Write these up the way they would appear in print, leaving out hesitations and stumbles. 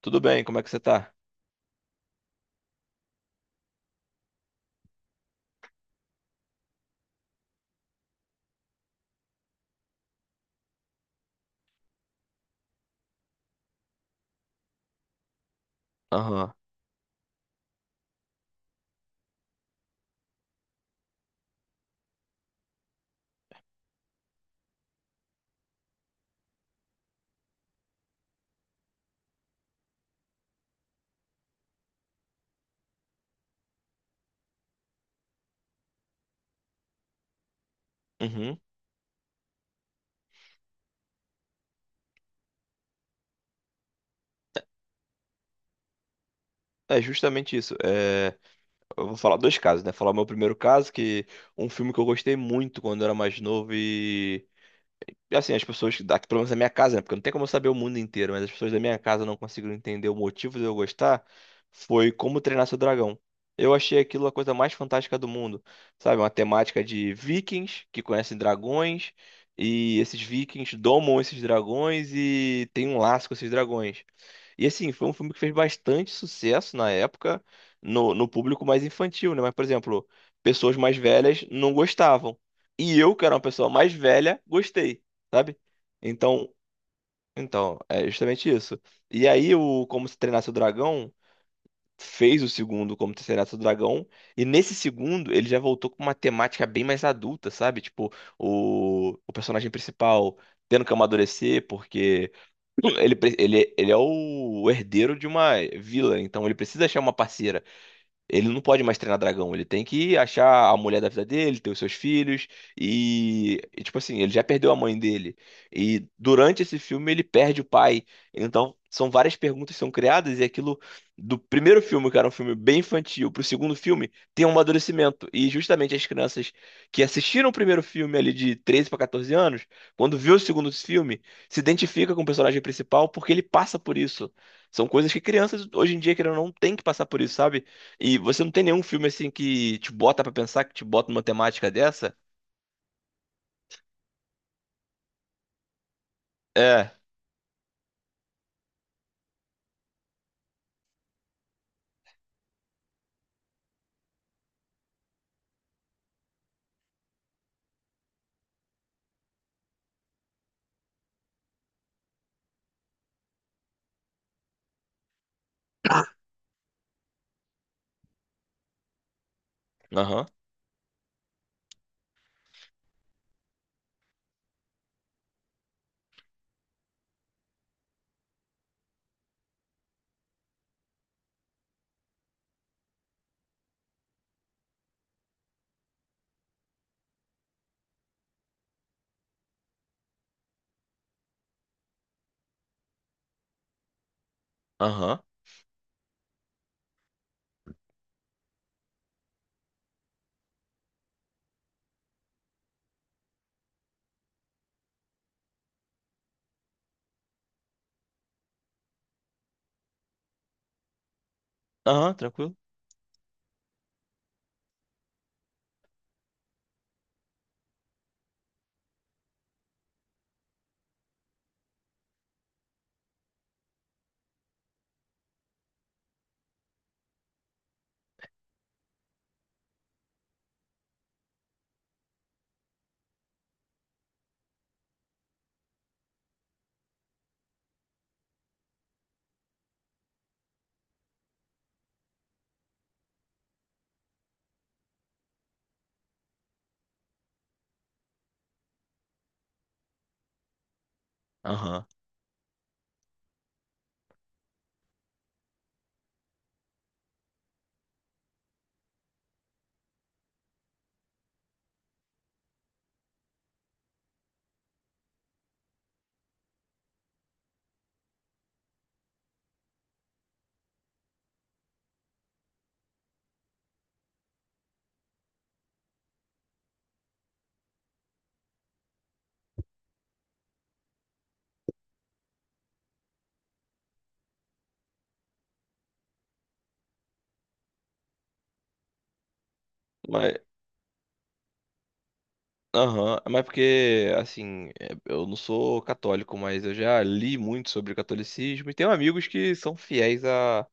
Tudo bem, como é que você tá? Aham. Uhum. É justamente isso. É, Eu vou falar dois casos, né? Falar o meu primeiro caso, que um filme que eu gostei muito quando eu era mais novo assim, as pessoas daqui, pelo menos da minha casa, né? Porque não tem como eu saber o mundo inteiro, mas as pessoas da minha casa não conseguiram entender o motivo de eu gostar, foi Como Treinar Seu Dragão. Eu achei aquilo a coisa mais fantástica do mundo, sabe? Uma temática de vikings que conhecem dragões, e esses vikings domam esses dragões e tem um laço com esses dragões. E assim, foi um filme que fez bastante sucesso na época no público mais infantil, né? Mas, por exemplo, pessoas mais velhas não gostavam. E eu, que era uma pessoa mais velha, gostei, sabe? Então, então, é justamente isso. E aí o Como Se Treinasse o Dragão fez o segundo Como Se Treinasse o Dragão, e nesse segundo ele já voltou com uma temática bem mais adulta, sabe? Tipo, o personagem principal tendo que amadurecer porque ele é o herdeiro de uma vila, então ele precisa achar uma parceira. Ele não pode mais treinar dragão, ele tem que achar a mulher da vida dele, ter os seus filhos, tipo assim, ele já perdeu a mãe dele. E durante esse filme ele perde o pai. Então, são várias perguntas que são criadas, e aquilo do primeiro filme, que era um filme bem infantil, pro segundo filme, tem um amadurecimento. E justamente as crianças que assistiram o primeiro filme ali de 13 para 14 anos, quando viu o segundo filme, se identifica com o personagem principal porque ele passa por isso. São coisas que crianças hoje em dia, querendo ou não, têm que passar por isso, sabe? E você não tem nenhum filme assim que te bota pra pensar, que te bota numa temática dessa? É. Aham. Aham. Aham, tranquilo. Aham. Mas, aham. Mas porque, assim, é, eu não sou católico, mas eu já li muito sobre catolicismo e tenho amigos que são fiéis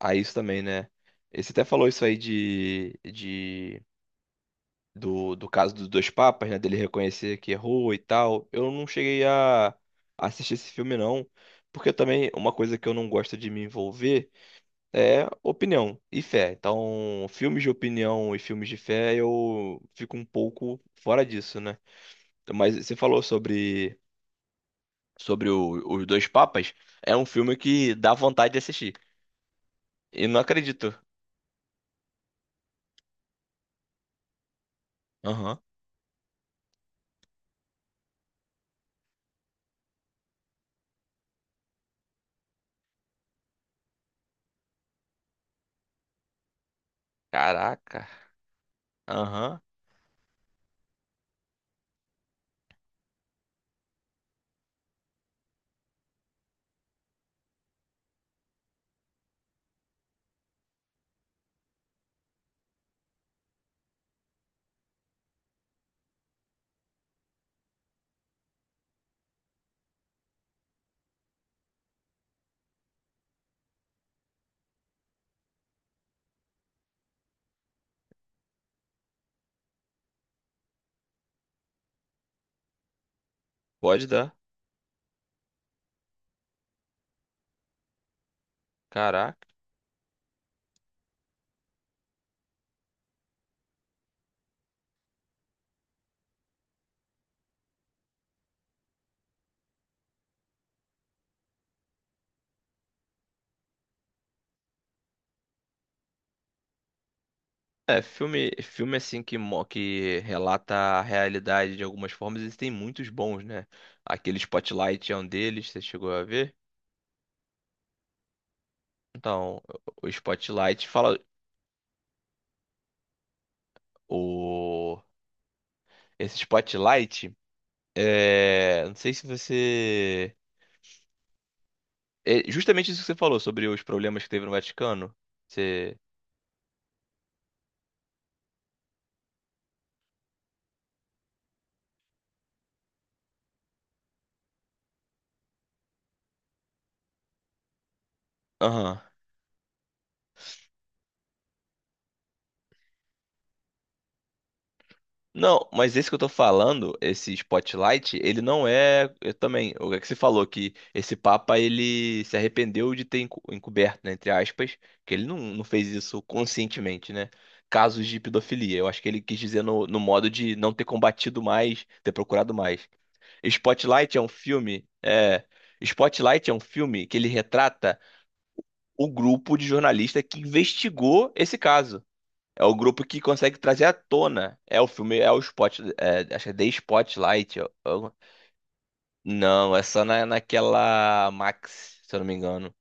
a isso também, né? E você até falou isso aí de do caso dos dois papas, né? Dele reconhecer que errou e tal. Eu não cheguei a assistir esse filme, não. Porque também uma coisa que eu não gosto de me envolver é opinião e fé. Então, filmes de opinião e filmes de fé, eu fico um pouco fora disso, né? Mas você falou sobre, sobre os dois papas. É um filme que dá vontade de assistir. E não acredito. Aham. Caraca. Aham. Pode dar. Caraca. É, filme, filme assim que, que relata a realidade de algumas formas, existem muitos bons, né? Aquele Spotlight é um deles, você chegou a ver? Então, o Spotlight fala o esse Spotlight, é, não sei se você, é justamente isso que você falou sobre os problemas que teve no Vaticano. Você, aham. Não, mas esse que eu tô falando, esse Spotlight, ele não é. Eu também. O que você falou que esse Papa ele se arrependeu de ter encoberto, né, entre aspas, que ele não fez isso conscientemente, né? Casos de pedofilia. Eu acho que ele quis dizer no modo de não ter combatido mais, ter procurado mais. Spotlight é um filme. É, Spotlight é um filme que ele retrata o grupo de jornalista que investigou esse caso. É o grupo que consegue trazer à tona. É o filme, acho que é The Spotlight. Não, é só na, naquela Max, se eu não me engano.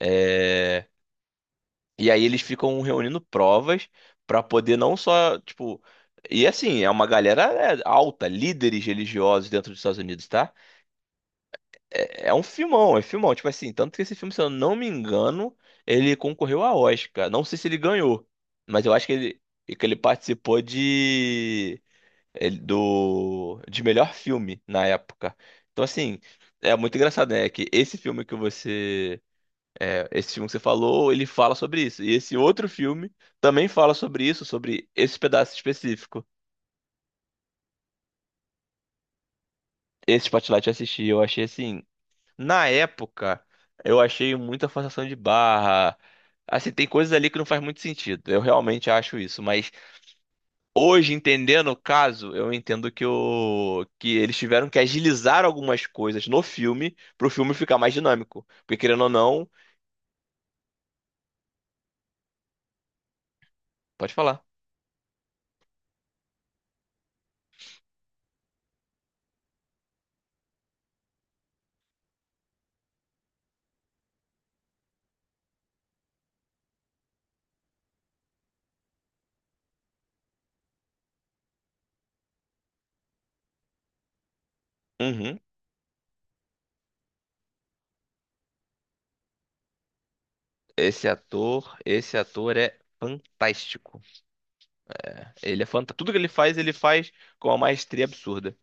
É, E aí eles ficam reunindo provas pra poder não só, tipo... E assim, é uma galera, é, alta, líderes religiosos dentro dos Estados Unidos, tá? É, é um filmão, é filmão. Tipo assim, tanto que esse filme, se eu não me engano, ele concorreu a Oscar. Não sei se ele ganhou, mas eu acho que ele participou de... ele- do de melhor filme na época. Então, assim, é muito engraçado, né? Que esse filme que você. É, esse filme que você falou, ele fala sobre isso. E esse outro filme também fala sobre isso, sobre esse pedaço específico. Esse Spotlight eu assisti, eu achei assim. Na época, eu achei muita forçação de barra. Assim, tem coisas ali que não faz muito sentido. Eu realmente acho isso, mas hoje, entendendo o caso, eu entendo que o, que eles tiveram que agilizar algumas coisas no filme pro filme ficar mais dinâmico. Porque querendo ou não, pode falar. Uhum. Esse ator é fantástico. Ele é fantástico. Tudo que ele faz com uma maestria absurda.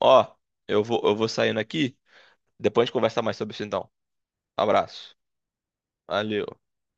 Ó, eu vou saindo aqui. Depois a gente conversa mais sobre isso então. Abraço. Valeu.